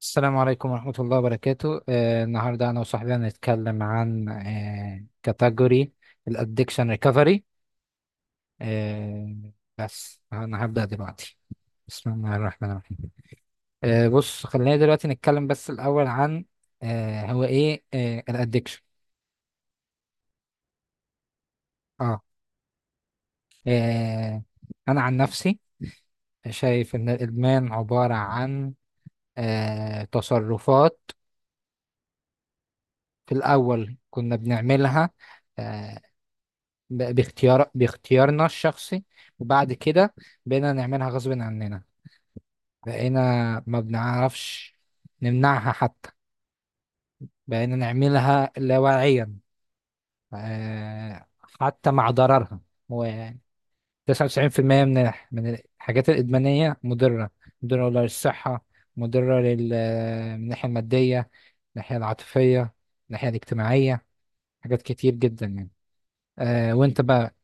السلام عليكم ورحمة الله وبركاته. النهاردة أنا وصاحبي هنتكلم عن كاتيجوري الأدكشن ريكفري. آه، بس أنا هبدأ دلوقتي. بسم الله الرحمن الرحيم. بص، خلينا دلوقتي نتكلم بس الأول عن هو إيه الأدكشن. آه آه، أنا عن نفسي شايف إن الإدمان عبارة عن تصرفات في الأول كنا بنعملها آه، باختيارنا الشخصي، وبعد كده بقينا نعملها غصب عننا. بقينا ما بنعرفش نمنعها حتى، بقينا نعملها لاواعيا آه، حتى مع ضررها. هو 99% من الحاجات الإدمانية مضرة، مضرة للصحة، مضرة لل من الناحية المادية، من الناحية العاطفية، من الناحية الاجتماعية، حاجات كتير جدا يعني. وانت بقى؟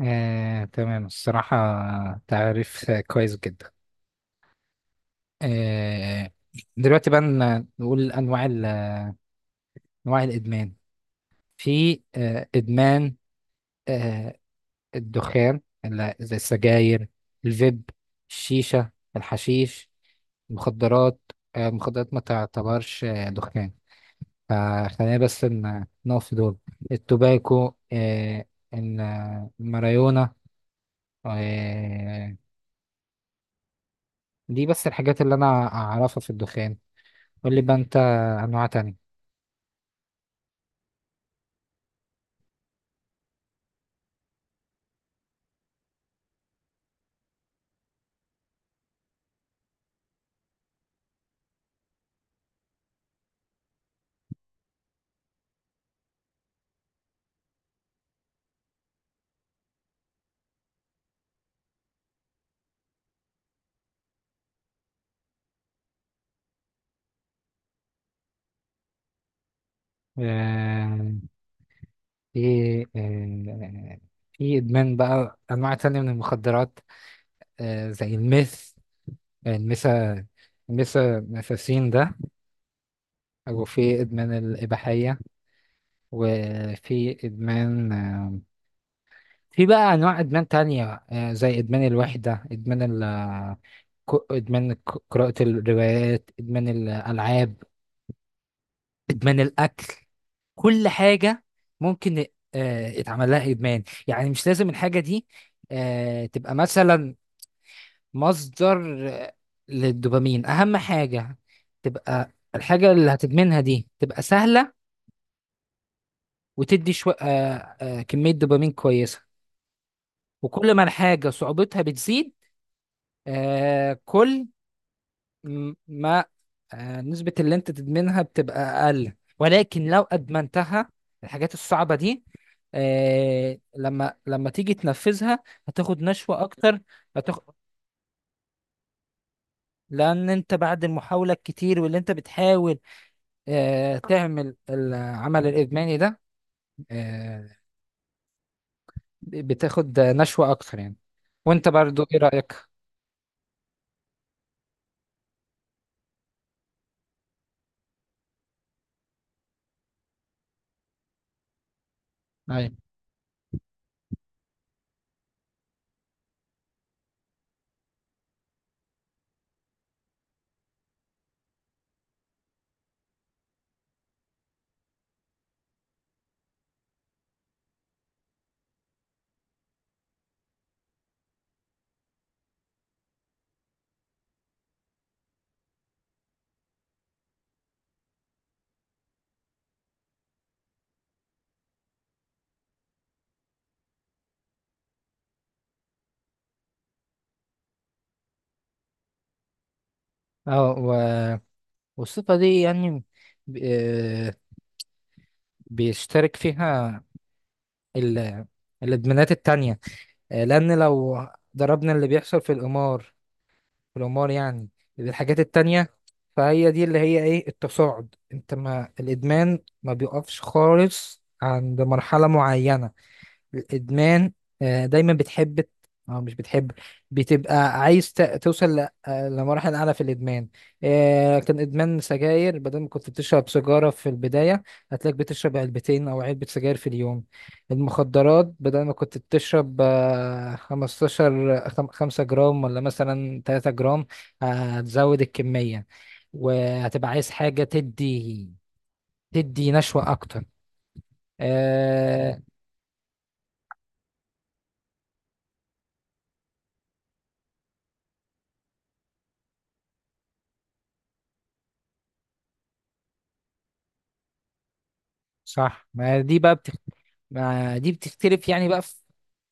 تمام، الصراحة تعريف كويس جدا. آه، دلوقتي بقى نقول أنواع الإدمان. في إدمان آه، الدخان زي السجاير، الفيب، الشيشة، الحشيش، المخدرات. المخدرات ما تعتبرش دخان، فخلينا بس نقف في دول: التوباكو، الماريونا. آه، دي بس الحاجات اللي أنا أعرفها في الدخان. قول لي بقى انت انواع تانية. آه، في آه، في ادمان بقى انواع تانية من المخدرات زي الميثا الميثامفيسين ده، وفي ادمان الاباحية، وفي ادمان، في بقى انواع ادمان تانية زي ادمان الوحدة، ادمان قراءة الروايات، ادمان الالعاب، إدمان الأكل. كل حاجة ممكن اتعمل لها إدمان، يعني مش لازم الحاجة دي تبقى مثلا مصدر للدوبامين. أهم حاجة تبقى الحاجة اللي هتدمنها دي تبقى سهلة وتدي شو... آه، آه، كمية دوبامين كويسة. وكل ما الحاجة صعوبتها بتزيد، كل ما نسبة اللي انت تدمنها بتبقى اقل، ولكن لو ادمنتها، الحاجات الصعبة دي، لما تيجي تنفذها، هتاخد نشوة اكتر. هتاخد، لان انت بعد المحاولة الكتير واللي انت بتحاول تعمل العمل الادماني ده، آه، بتاخد نشوة اكتر يعني. وانت برضو ايه رأيك؟ ايوه. اه والصفة دي يعني ب- آه، بيشترك فيها ال- الادمانات التانية، لان لو ضربنا اللي بيحصل في القمار يعني الحاجات التانية، فهي دي اللي هي ايه التصاعد. انت ما الادمان ما بيقفش خالص عند مرحلة معينة. الادمان دايما بتحب او مش بتحب، بتبقى عايز توصل لمراحل اعلى في الادمان. كان ادمان سجاير، بدل ما كنت بتشرب سيجاره في البدايه، هتلاقيك بتشرب علبتين او علبه سجاير في اليوم. المخدرات، بدل ما كنت بتشرب 5 جرام ولا مثلا 3 جرام، هتزود الكميه وهتبقى عايز حاجه تدي نشوه اكتر. آه، صح، ما دي بتختلف يعني بقى في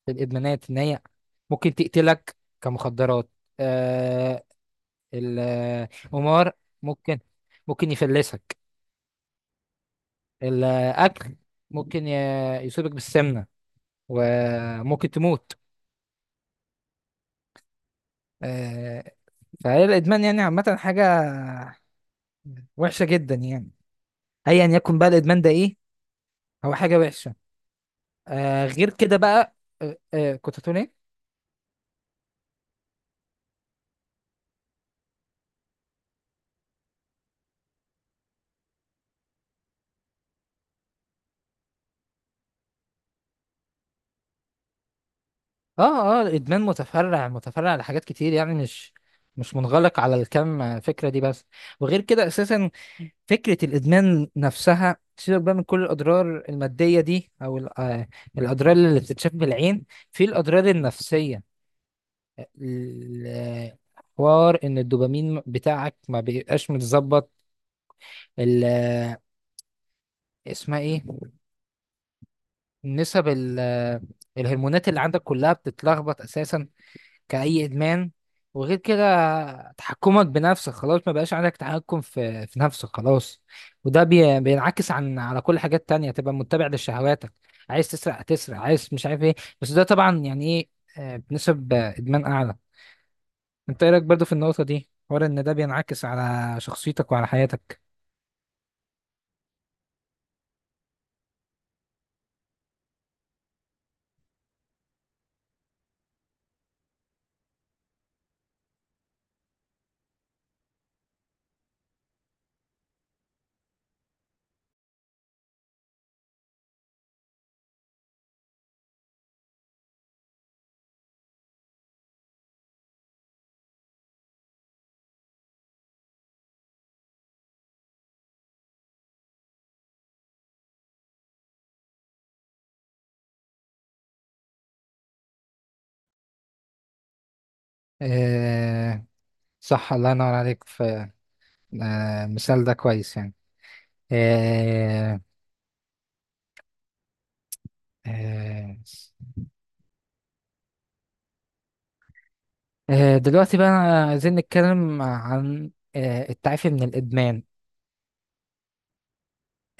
الادمانات ان هي تقتلك كمخدرات. آه القمار ممكن ممكن يفلسك. الاكل ممكن يصيبك بالسمنه وممكن تموت. آه فهي الادمان يعني عامه حاجه وحشه جدا يعني، ايا يكن بقى الادمان ده ايه، هو حاجه وحشه. غير كده بقى، كنت هتقول ايه؟ اه اه، الادمان متفرع متفرع لحاجات كتير، يعني مش منغلق على الكم فكره دي بس. وغير كده اساسا فكره الادمان نفسها، سيبك بقى من كل الاضرار الماديه دي او الاضرار اللي بتتشاف بالعين، في الاضرار النفسيه. ال- حوار ان الدوبامين بتاعك ما بيبقاش متظبط، ال- آه، اسمها ايه، نسب الهرمونات اللي عندك كلها بتتلخبط اساسا كأي إدمان. وغير كده، تحكمك بنفسك خلاص ما بقاش عندك تحكم في نفسك خلاص، وده بينعكس على كل حاجات تانية، تبقى متبع لشهواتك، عايز تسرق تسرق، عايز مش عارف ايه. بس ده طبعا يعني ايه، بنسب إدمان أعلى. انت ايه رأيك برضه في النقطة دي، حوار ان ده بينعكس على شخصيتك وعلى حياتك؟ آه صح، الله ينور عليك، في مثال ده كويس يعني. آه آه دلوقتي بقى عايزين نتكلم عن التعافي من الإدمان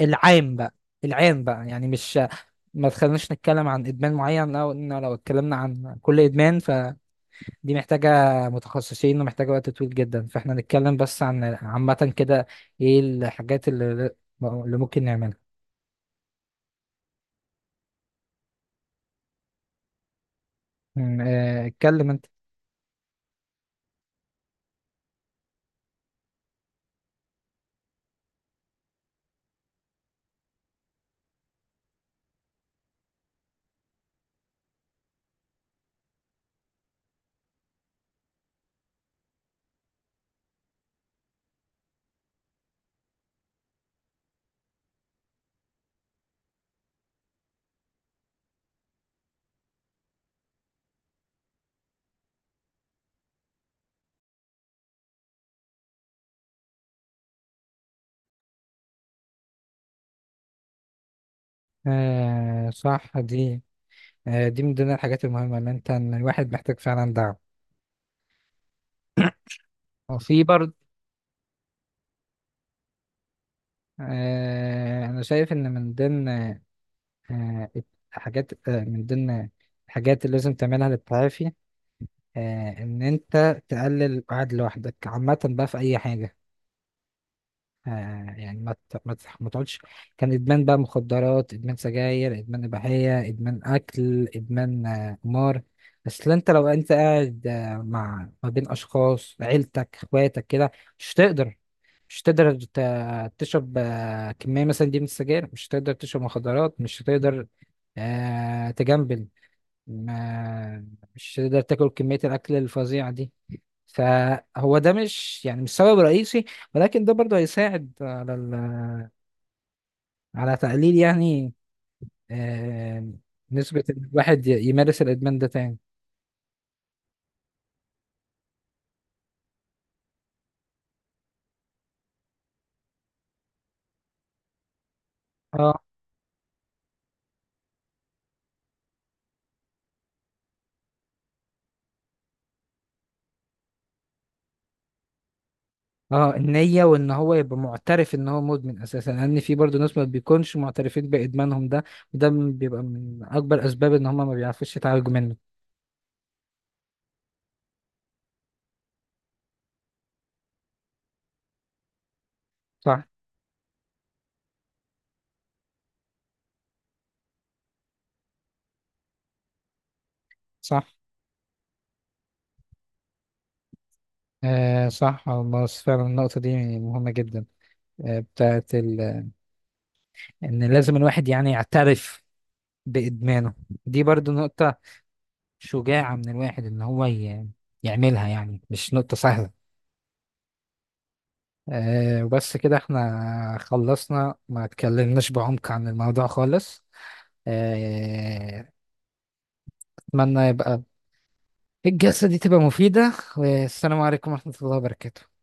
العام بقى. يعني مش ما تخليناش نتكلم عن إدمان معين، لو اتكلمنا عن كل إدمان فدي محتاجة متخصصين ومحتاجة وقت طويل جدا، فاحنا نتكلم بس عن عامة كده. إيه الحاجات اللي ممكن نعملها؟ اتكلم أنت. صح، دي من ضمن الحاجات المهمة، إن الواحد محتاج فعلا دعم، وفي برضه. أنا شايف إن من ضمن آه، حاجات آه، من ضمن الحاجات اللي لازم تعملها للتعافي، إن أنت تقلل القعد لوحدك عامة بقى في أي حاجة، يعني ما تقعدش. كان ادمان بقى مخدرات، ادمان سجاير، ادمان اباحيه، ادمان اكل، ادمان قمار. بس لا لو انت قاعد مع، ما بين اشخاص عيلتك اخواتك كده، مش تقدر مش تقدر تشرب كميه مثلا دي من السجاير، مش تقدر تشرب مخدرات، مش تقدر تجنبل ما، مش تقدر تاكل كميه الاكل الفظيعه دي. فهو ده مش يعني مش سبب رئيسي، ولكن ده برضه هيساعد على على تقليل يعني آه، نسبة إن الواحد يمارس الإدمان ده تاني. اه، اه، النية وإن هو يبقى معترف إن هو مدمن أساسا، لأن في برضه ناس ما بيكونش معترفين بإدمانهم ده، وده بيبقى من أكبر أسباب إن هما ما بيعرفوش يتعالجوا منه. صح، صح، صح، والله فعلا النقطة دي مهمة جدا، آه إن لازم الواحد يعني يعترف بإدمانه. دي برضو نقطة شجاعة من الواحد إن هو يعملها، يعني مش نقطة سهلة. وبس كده احنا خلصنا، ما اتكلمناش بعمق عن الموضوع خالص. أه أتمنى يبقى الجلسة دي تبقى مفيدة، والسلام عليكم ورحمة الله وبركاته.